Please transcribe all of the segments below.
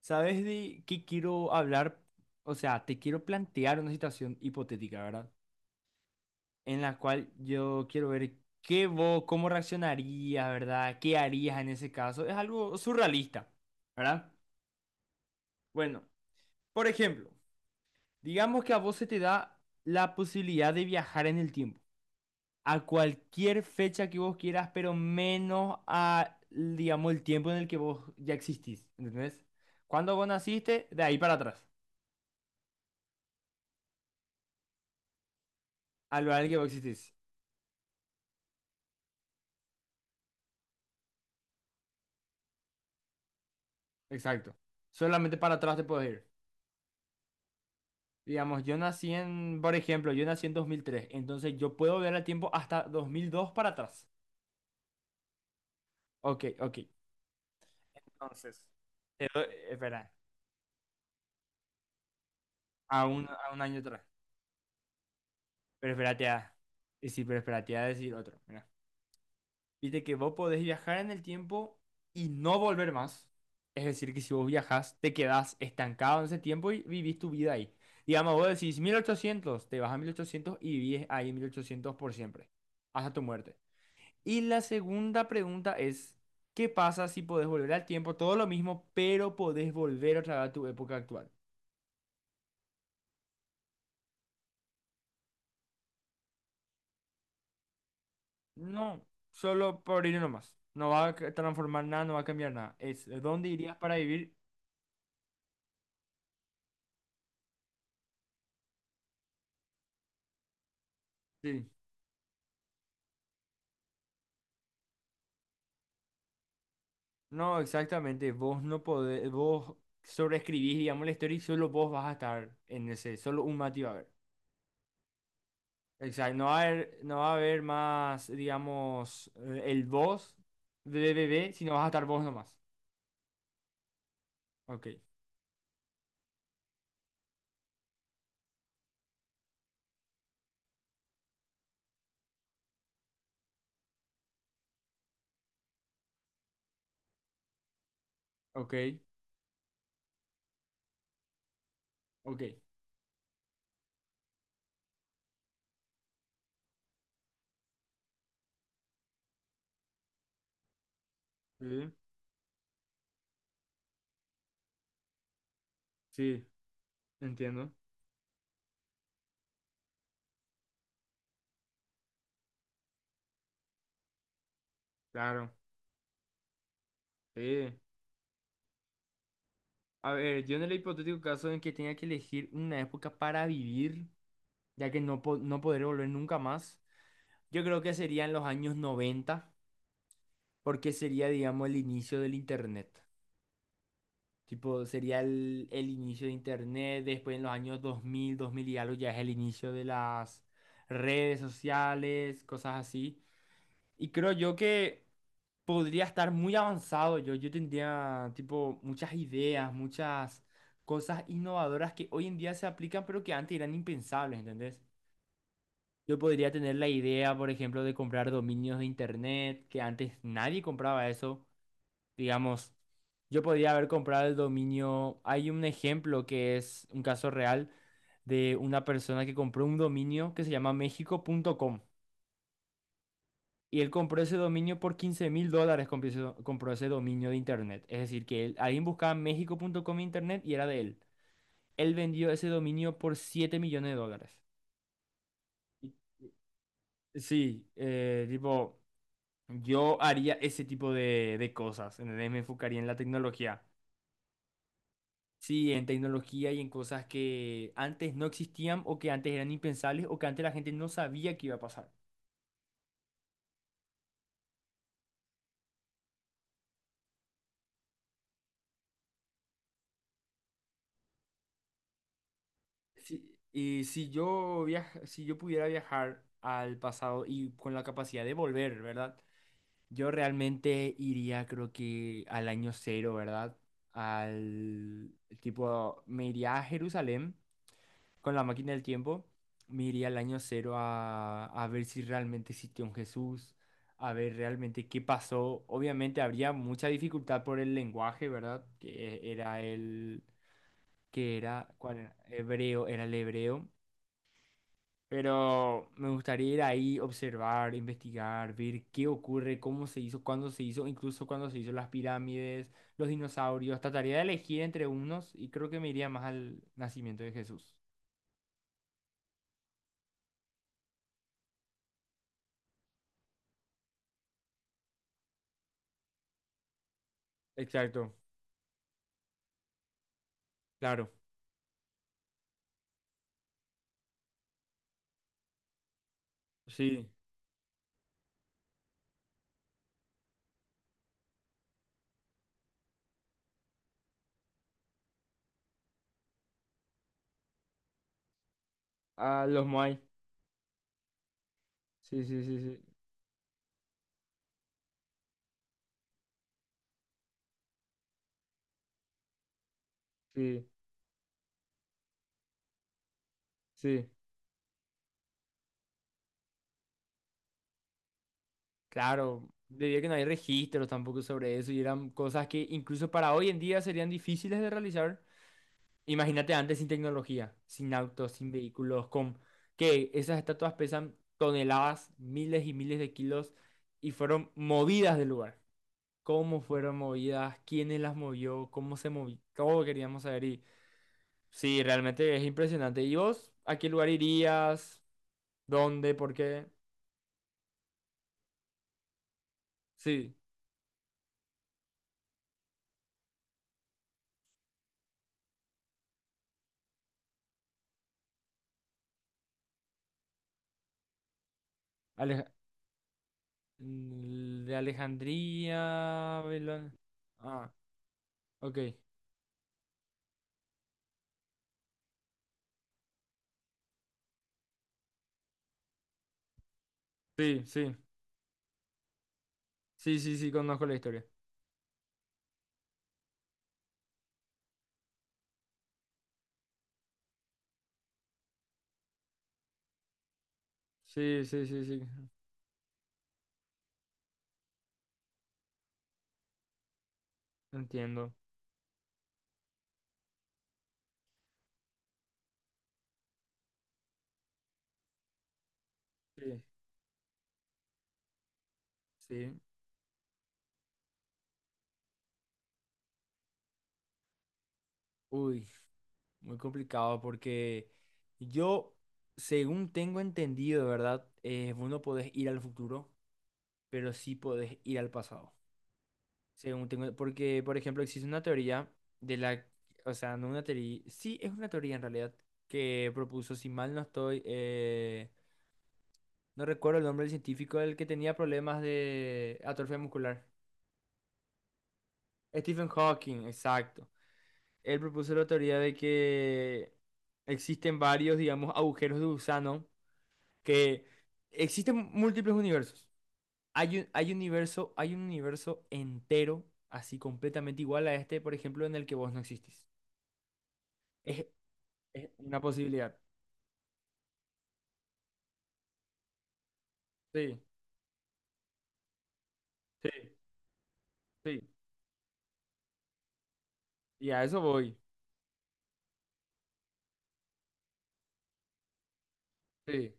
¿Sabes de qué quiero hablar? O sea, te quiero plantear una situación hipotética, ¿verdad? En la cual yo quiero ver qué vos, cómo reaccionarías, ¿verdad? ¿Qué harías en ese caso? Es algo surrealista, ¿verdad? Bueno, por ejemplo, digamos que a vos se te da la posibilidad de viajar en el tiempo a cualquier fecha que vos quieras, pero menos a, digamos, el tiempo en el que vos ya existís, ¿entendés? Cuando vos naciste, de ahí para atrás, al lugar en el que vos existís. Exacto. Solamente para atrás te puedes ir. Digamos, yo nací en, por ejemplo, yo nací en 2003. Entonces yo puedo ver el tiempo hasta 2002 para atrás. Ok, ok. Entonces, te doy- espera, a un año atrás. Pero espérate a... Y sí, pero espérate a decir otro. Viste que vos podés viajar en el tiempo y no volver más. Es decir, que si vos viajás, te quedás estancado en ese tiempo y vivís tu vida ahí. Digamos, vos decís 1800, te vas a 1800 y vivís ahí en 1800 por siempre, hasta tu muerte. Y la segunda pregunta es, ¿qué pasa si podés volver al tiempo? Todo lo mismo, pero podés volver otra vez a tu época actual. No, solo por ir nomás. No va a ca- transformar nada, no va a cambiar nada. Es, ¿dónde irías para vivir? Sí. No, exactamente. Vos no podés, vos sobreescribís, digamos, la historia y solo vos vas a estar en ese, solo un Mati va a haber. Exacto, no va a haber, no va a haber más, digamos, el vos de bebé, sino vas a estar vos nomás. Ok, ok, ok. Sí, sí, entiendo. Claro, sí. A ver, yo en el hipotético caso en que tenga que elegir una época para vivir, ya que no, po- no podré volver nunca más, yo creo que serían los años noventa, porque sería, digamos, el inicio del Internet. Tipo, sería el inicio de Internet, después en los años 2000, 2000 y algo ya es el inicio de las redes sociales, cosas así. Y creo yo que podría estar muy avanzado yo. Yo tendría, tipo, muchas ideas, muchas cosas innovadoras que hoy en día se aplican, pero que antes eran impensables, ¿entendés? Yo podría tener la idea, por ejemplo, de comprar dominios de Internet, que antes nadie compraba eso. Digamos, yo podría haber comprado el dominio. Hay un ejemplo que es un caso real de una persona que compró un dominio que se llama mexico.com, y él compró ese dominio por 15.000 dólares, compró ese, do- compró ese dominio de internet. Es decir, que él, alguien buscaba mexico.com en internet y era de él. Él vendió ese dominio por 7 millones de dólares. Y- y- Sí, tipo, yo haría ese tipo de cosas, ¿entendés? Me enfocaría en la tecnología. Sí, en tecnología y en cosas que antes no existían o que antes eran impensables o que antes la gente no sabía que iba a pasar. Sí, y si yo viaj- si yo pudiera viajar al pasado y con la capacidad de volver, ¿verdad? Yo realmente iría, creo que al año cero, ¿verdad? Al tipo, me iría a Jerusalén con la máquina del tiempo, me iría al año cero a ver si realmente existió un Jesús, a ver realmente qué pasó. Obviamente habría mucha dificultad por el lenguaje, ¿verdad? Que era el, que era, ¿cuál era? Hebreo, era el hebreo. Pero me gustaría ir ahí, observar, investigar, ver qué ocurre, cómo se hizo, cuándo se hizo, incluso cuándo se hizo las pirámides, los dinosaurios. Trataría de elegir entre unos y creo que me iría más al nacimiento de Jesús. Exacto, claro. Sí, a los Moai. Sí, sí, sí, sí, sí, sí. Claro, debido a que no hay registros tampoco sobre eso y eran cosas que incluso para hoy en día serían difíciles de realizar. Imagínate antes sin tecnología, sin autos, sin vehículos, con que esas estatuas pesan toneladas, miles y miles de kilos y fueron movidas del lugar. ¿Cómo fueron movidas? ¿Quiénes las movió? ¿Cómo se movió? Todo queríamos saber y sí, realmente es impresionante. ¿Y vos a qué lugar irías? ¿Dónde? ¿Por qué? Sí. Aleja- de Alejandría, Babilonia. Ah, ok. Sí, sí. Sí, sí, sí, conozco la historia. Sí, sí, sí, sí. Entiendo. Sí, sí. Uy, muy complicado porque yo, según tengo entendido, ¿verdad? Vos no podés ir al futuro, pero sí podés ir al pasado. Según tengo, porque, por ejemplo, existe una teoría de la, o sea, no una teoría, sí, es una teoría en realidad, que propuso, si mal no estoy, no recuerdo el nombre del científico, el que tenía problemas de atrofia muscular. Stephen Hawking, exacto. Él propuso la teoría de que existen varios, digamos, agujeros de gusano, que existen múltiples universos. Hay un, hay universo, hay un universo entero, así completamente igual a este, por ejemplo, en el que vos no existís. Es... Es una posibilidad. Sí, sí, sí. Y a eso voy. Sí.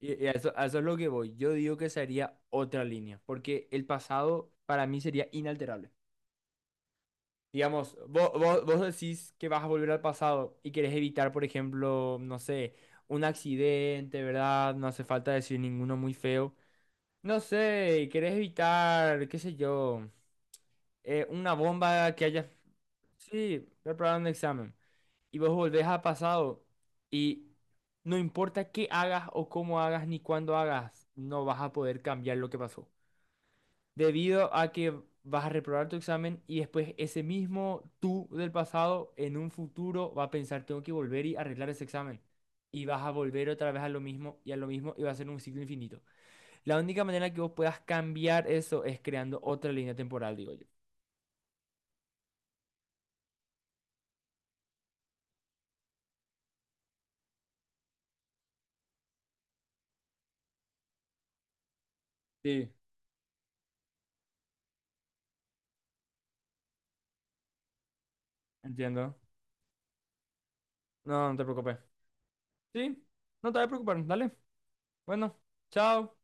Y a eso es lo que voy. Yo digo que sería otra línea, porque el pasado para mí sería inalterable. Digamos, vos decís que vas a volver al pasado y querés evitar, por ejemplo, no sé, un accidente, ¿verdad? No hace falta decir ninguno muy feo. No sé, querés evitar, qué sé yo, una bomba que haya... Sí, preparar un examen. Y vos volvés a pasado y no importa qué hagas o cómo hagas ni cuándo hagas, no vas a poder cambiar lo que pasó. Debido a que vas a reprobar tu examen y después ese mismo tú del pasado en un futuro va a pensar, tengo que volver y arreglar ese examen. Y vas a volver otra vez a lo mismo y a lo mismo y va a ser un ciclo infinito. La única manera que vos puedas cambiar eso es creando otra línea temporal, digo yo. Sí. Entiendo. No, no te preocupes. Sí, no te voy a preocupar, dale. Bueno, chao.